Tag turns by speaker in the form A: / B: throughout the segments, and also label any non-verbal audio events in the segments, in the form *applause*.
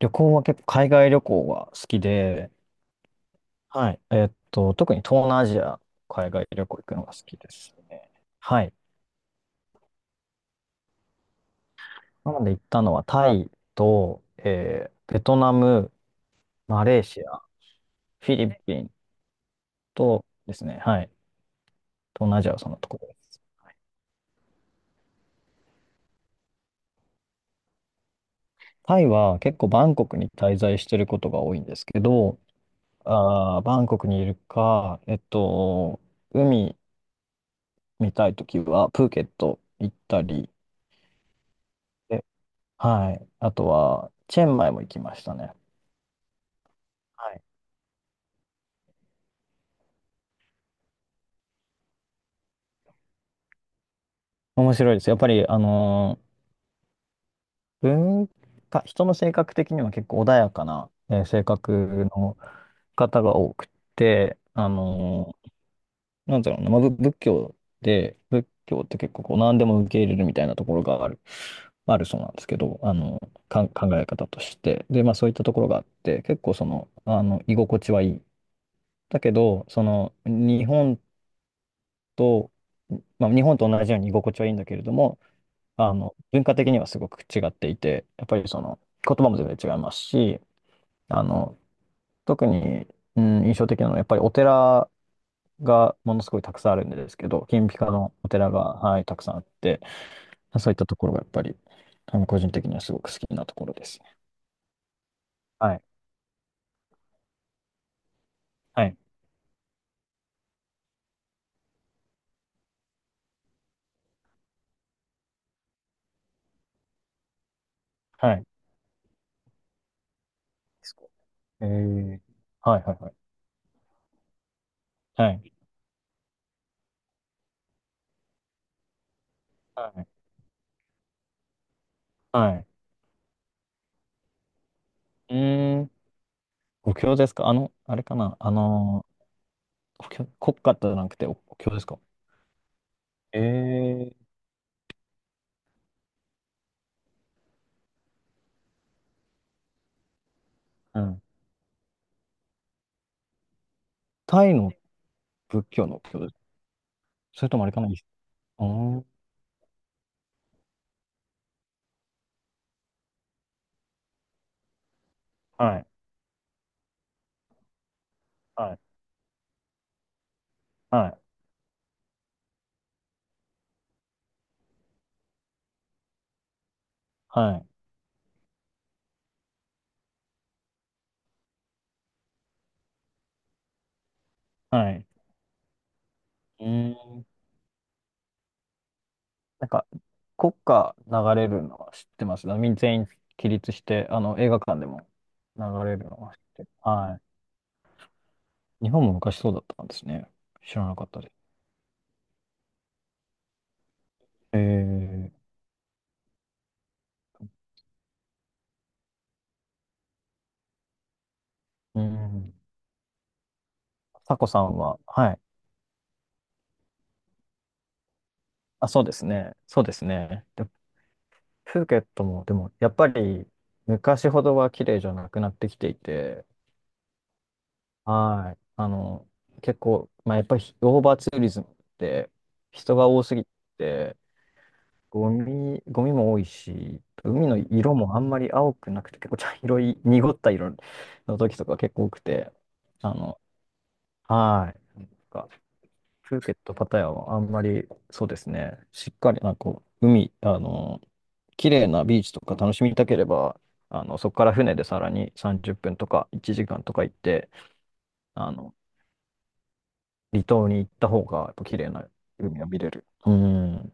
A: 旅行は結構海外旅行が好きで、はい。特に東南アジア、海外旅行行くのが好きですね。はい。なので行ったのはタイと、ベトナム、マレーシア、フィリピンとですね、はい。東南アジアはそのところです。タイは結構バンコクに滞在してることが多いんですけど、バンコクにいるか、海見たいときはプーケット行ったり、えはい。あとは、チェンマイも行きましたね。はい。面白いです。やっぱり、文化、人の性格的には結構穏やかな、性格の方が多くて、なんだろうな、まあ、仏教で、仏教って結構こう何でも受け入れるみたいなところがあるそうなんですけど、あの、考え方として。で、まあそういったところがあって、結構その、あの、居心地はいい。だけど、日本と、まあ、日本と同じように居心地はいいんだけれども、あの、文化的にはすごく違っていて、やっぱりその、言葉も全然違いますし、あの、特に、うん、印象的なのは、やっぱりお寺がものすごいたくさんあるんですけど、金ピカのお寺が、はい、たくさんあって、そういったところがやっぱり、あの、個人的にはすごく好きなところです。はい、はい、はい。えー、はい、はい、はい。はい、はい。はい。うーん、お経ですか？あの、あれかな？あの、補強国家じゃなくて、お経ですか？ええ、うん。タイの仏教のお経ですか？それともあれかな？うん。はい。はい。はい。はい。はい。うーん。なんか、国歌流れるのは知ってます。全員起立して、あの、映画館でも流れるのは知ってる。はい。日本も昔そうだったんですね。知らなかったです。ええ、うん。さこさんは、はい。あ、そうですね。そうですね。でプーケットも、でも、やっぱり、昔ほどは綺麗じゃなくなってきていて、はい。あの、結構、まあ、やっぱり、オーバーツーリズムって、人が多すぎて、ゴミも多いし、海の色もあんまり青くなくて、結構茶色い、濁った色の時とか結構多くて、あの、はい。なんかプーケット、パタヤはあんまり、そうですね、しっかり、なんかこう、海、あの、綺麗なビーチとか楽しみたければ、あの、そこから船でさらに30分とか1時間とか行って、あの、離島に行った方が、やっぱ綺麗な海が見れる。うん。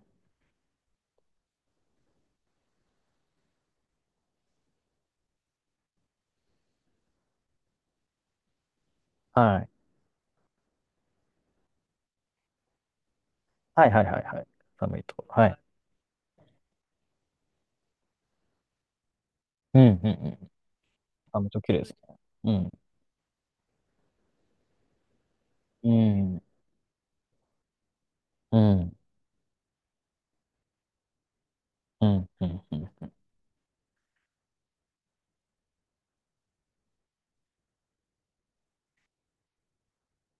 A: はい。はいはいはいはい。寒いとこはい。うんうんうん。あ、めっちゃ綺麗ですね。うん。うん。うん。うん。うん。うん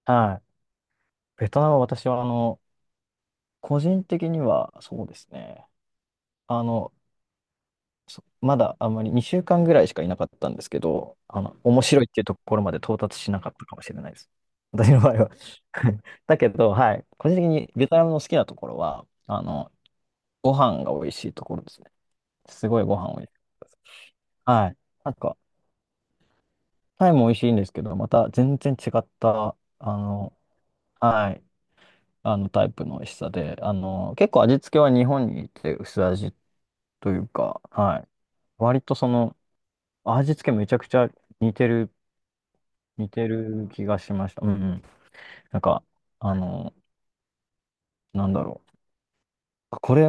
A: はい。ベトナムは私は、あの、個人的には、そうですね。あの、まだあんまり2週間ぐらいしかいなかったんですけど、あの、面白いっていうところまで到達しなかったかもしれないです。私の場合は。 *laughs* だけど、はい。個人的にベトナムの好きなところは、あの、ご飯が美味しいところですね。すごいご飯美味しいです。はい。なんか、タイも美味しいんですけど、また全然違った、あの、はい、あのタイプの美味しさで、あの、結構味付けは日本にいて薄味というか、はい。割とその、味付けめちゃくちゃ似てる似てる気がしました。うん、うん。なんか、あの、なんだろう。あ、これ、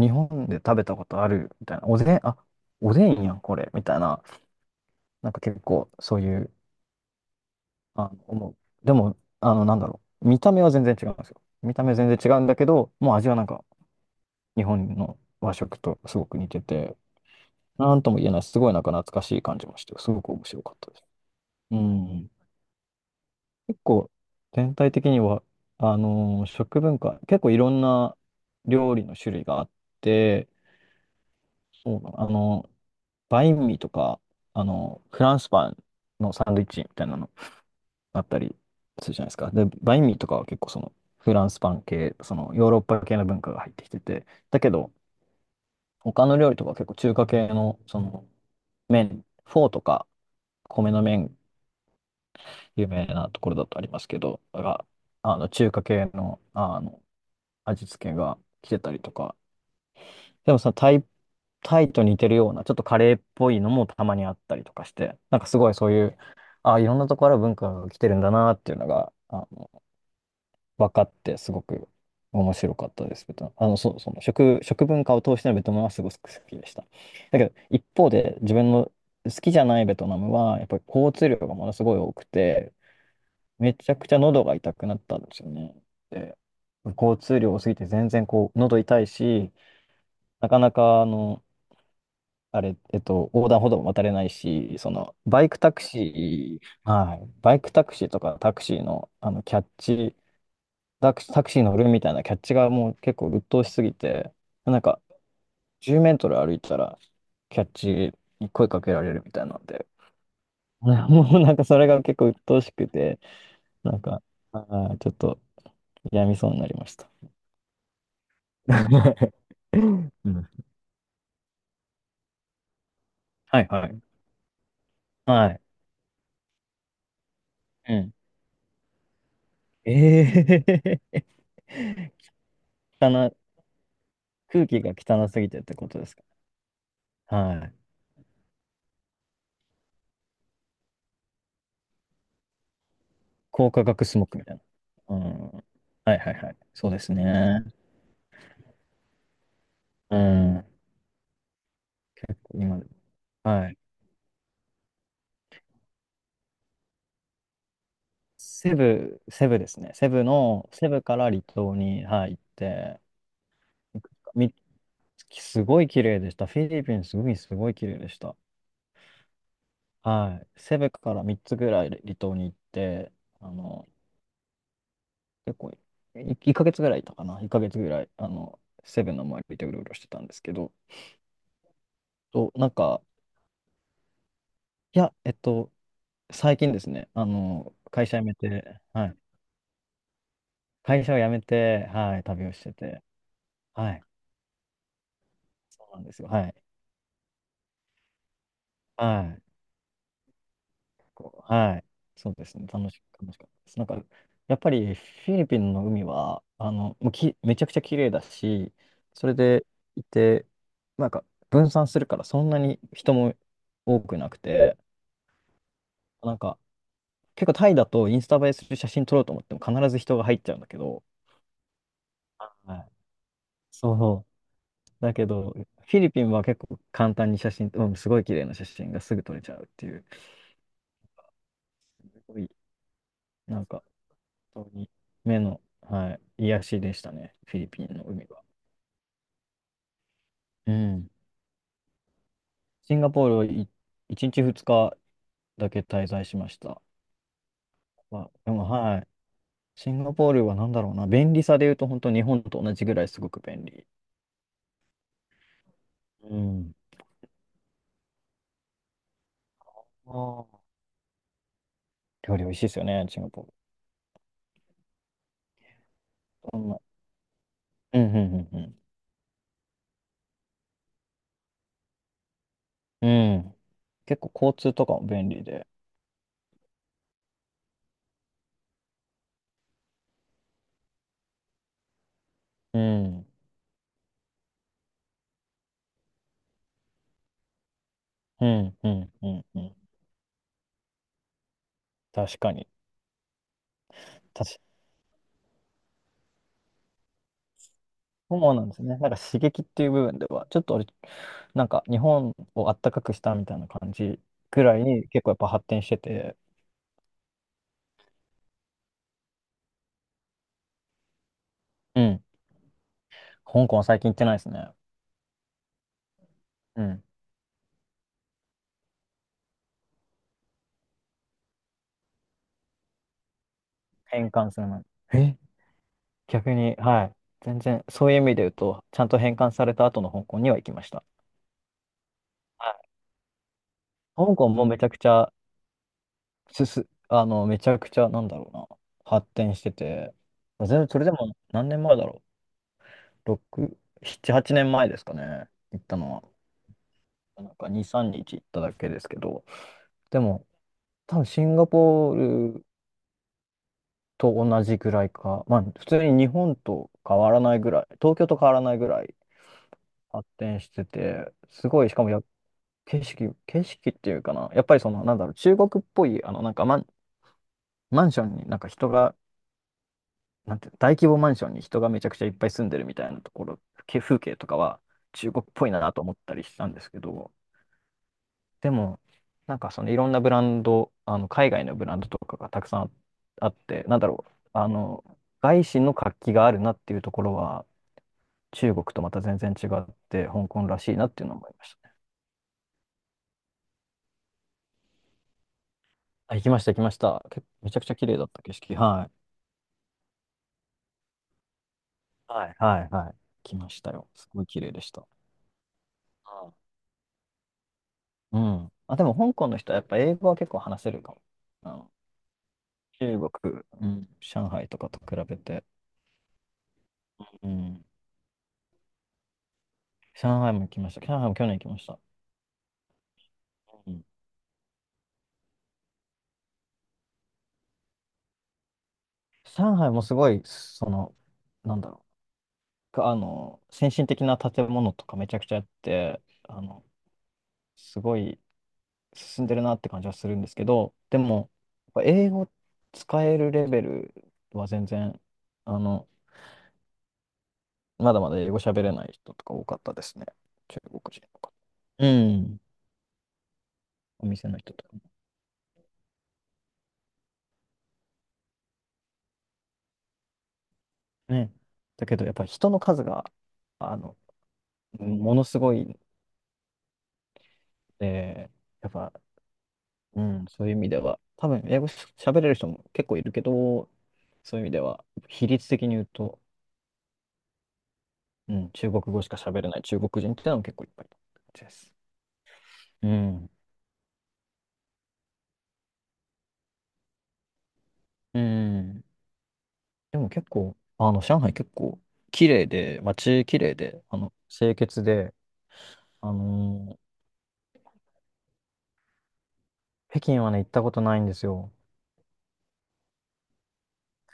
A: 日本で食べたことあるみたいな。おでん、あ、おでんやん、これ。みたいな。なんか結構、そういう、あの、思う。でも、あの、なんだろう。見た目は全然違うんですよ。見た目全然違うんだけど、もう味はなんか、日本の和食とすごく似てて、なんとも言えない、すごいなんか懐かしい感じもして、すごく面白かったです。うん。結構全体的には、食文化、結構いろんな料理の種類があって、そうだな、バインミーとか、フランスパンのサンドイッチみたいなのあったりするじゃないですか。で、バインミーとかは結構そのフランスパン系、そのヨーロッパ系の文化が入ってきてて、だけど他の料理とかは結構中華系のその麺、フォーとか米の麺、有名なところだとありますけど、があの中華系の、あの味付けが来てたりとか。でもさ、タイと似てるような、ちょっとカレーっぽいのもたまにあったりとかして、なんかすごいそういう、あ、いろんなところから文化が来てるんだなっていうのが、あの、分かって、すごく面白かったです。ベトナム、あの、そう、その食文化を通してのベトナムはすごく好きでした。だけど、一方で自分の好きじゃないベトナムは、やっぱり交通量がものすごい多くて、めちゃくちゃ喉が痛くなったんですよね。で交通量多すぎて全然こう喉痛いし、なかなか、あの、あれ、横断歩道も渡れないし、その、バイクタクシー、はい、バイクタクシーとかタクシーの、あの、キャッチ、タクシー乗るみたいなキャッチがもう結構鬱陶しすぎて、なんか、10メートル歩いたら、キャッチに声かけられるみたいなんで、*laughs* もうなんかそれが結構鬱陶しくて、なんか、あちょっと、やみそうになりました。*laughs* うん、はい、はい。はい。うん。ええー、*laughs* かな、空気が汚すぎてってことですか？はい。高化学スモッグみたいな。うん。はい、はい、はい。そうですね。うん。結構今でも、はい。セブですね。セブから離島に、はい、行って、いくつかみすごい綺麗でした。フィリピン、すごい、すごい綺麗でした。はい。セブから3つぐらい離島に行って、あの、結構い、1ヶ月ぐらいいたかな。1ヶ月ぐらい、あの、セブの周りでうろうろしてたんですけど、と、なんか、いや、最近ですね、あの、会社辞めて、はい。会社を辞めて、はい、旅をしてて、はい。そうなんですよ。はい。はい。こう、はい。そうですね。楽しかったです。なんか、やっぱりフィリピンの海は、あの、もうき、めちゃくちゃ綺麗だし、それでいて、なんか、分散するからそんなに人も多くなくて、なんか、結構タイだとインスタ映えする写真撮ろうと思っても必ず人が入っちゃうんだけど、はい。そう、だけど、フィリピンは結構簡単に写真、すごい綺麗な写真がすぐ撮れちゃうっていう、すごい、なんか、本当に目の、はい、癒やしでしたね、フィリピンの海は。うん。シンガポールを1日2日だけ滞在しました。まあ、でも、はい。シンガポールは何だろうな、便利さで言うと、本当日本と同じぐらいすごく便利。うん。あー、料理美味しいですよね、シンガポール。そんなうん、うん、うん、うん。うん。結構交通とかも便利で。うん。うん、うん、うん、うん。確かに。確かそうなんですね。なんか刺激っていう部分では、ちょっとあれ、なんか日本をあったかくしたみたいな感じぐらいに結構やっぱ発展してて、うん。香港は最近行ってないですね。うん。返還する前に。え逆に、はい。全然、そういう意味で言うと、ちゃんと返還された後の香港には行きました。はい。香港もめちゃくちゃ、めちゃくちゃ、なんだろうな、発展してて、全然それでも何年前だろう。6、7、8年前ですかね。行ったのは。なんか2、3日行っただけですけど。でも、多分シンガポールと同じぐらいか。まあ、普通に日本と変わらないぐらい、東京と変わらないぐらい発展してて、すごい、しかも景色っていうかな。やっぱりなんだろう、中国っぽい、なんかマンションになんか人が、なんて、大規模マンションに人がめちゃくちゃいっぱい住んでるみたいなところ、風景とかは中国っぽいなと思ったりしたんですけど、でも、なんかそのいろんなブランド、あの海外のブランドとかがたくさんあって、なんだろう、外資の活気があるなっていうところは、中国とまた全然違って、香港らしいなっていうのを思いましたね。あ、行きました、行きました。めちゃくちゃ綺麗だった景色。はい。はい、はい、はい。来ましたよ。すごい綺麗でした。うん。うん。あ、でも香港の人はやっぱ英語は結構話せるかも。あの中国、うん、上海とかと比べて。うん。上海も行きました。上海も去年行きました。うん。上海もすごい、なんだろう、先進的な建物とかめちゃくちゃあって、すごい進んでるなって感じはするんですけど、でも、やっぱ英語使えるレベルは全然、あの、まだまだ英語喋れない人とか多かったですね。中国人とか。うん。お店の人とかもね。だけど、やっぱ人の数が、あの、ものすごいんで、やっぱ、うん、そういう意味では、多分英語し喋れる人も結構いるけど、そういう意味では、比率的に言うと、うん、中国語しか喋れない中国人ってのも結構いっぱいいる感じです。うん。うん。でも結構、上海結構綺麗で、街綺麗で、清潔で、あのー北京はね、行ったことないんですよ。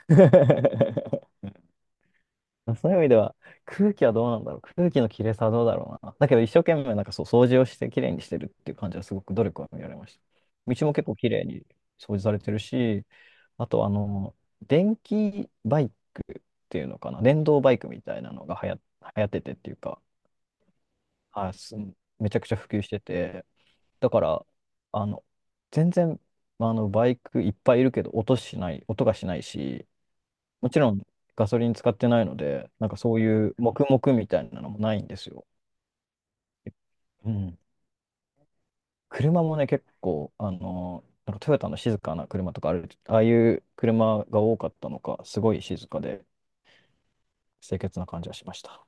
A: *laughs* まあ、そういう意味では、空気はどうなんだろう。空気の綺麗さはどうだろうな。だけど一生懸命なんかそう掃除をして綺麗にしてるっていう感じはすごく努力は見られました。道も結構綺麗に掃除されてるし、あと電気バイクっていうのかな。電動バイクみたいなのが流行っててっていうか、はい、めちゃくちゃ普及してて、だから、あの、全然、まあの、バイクいっぱいいるけど音がしないし、もちろんガソリン使ってないので、なんかそういう黙々みたいなのもないんですよ。うん。車もね、結構、なんかトヨタの静かな車とかある、ああいう車が多かったのか、すごい静かで清潔な感じがしました。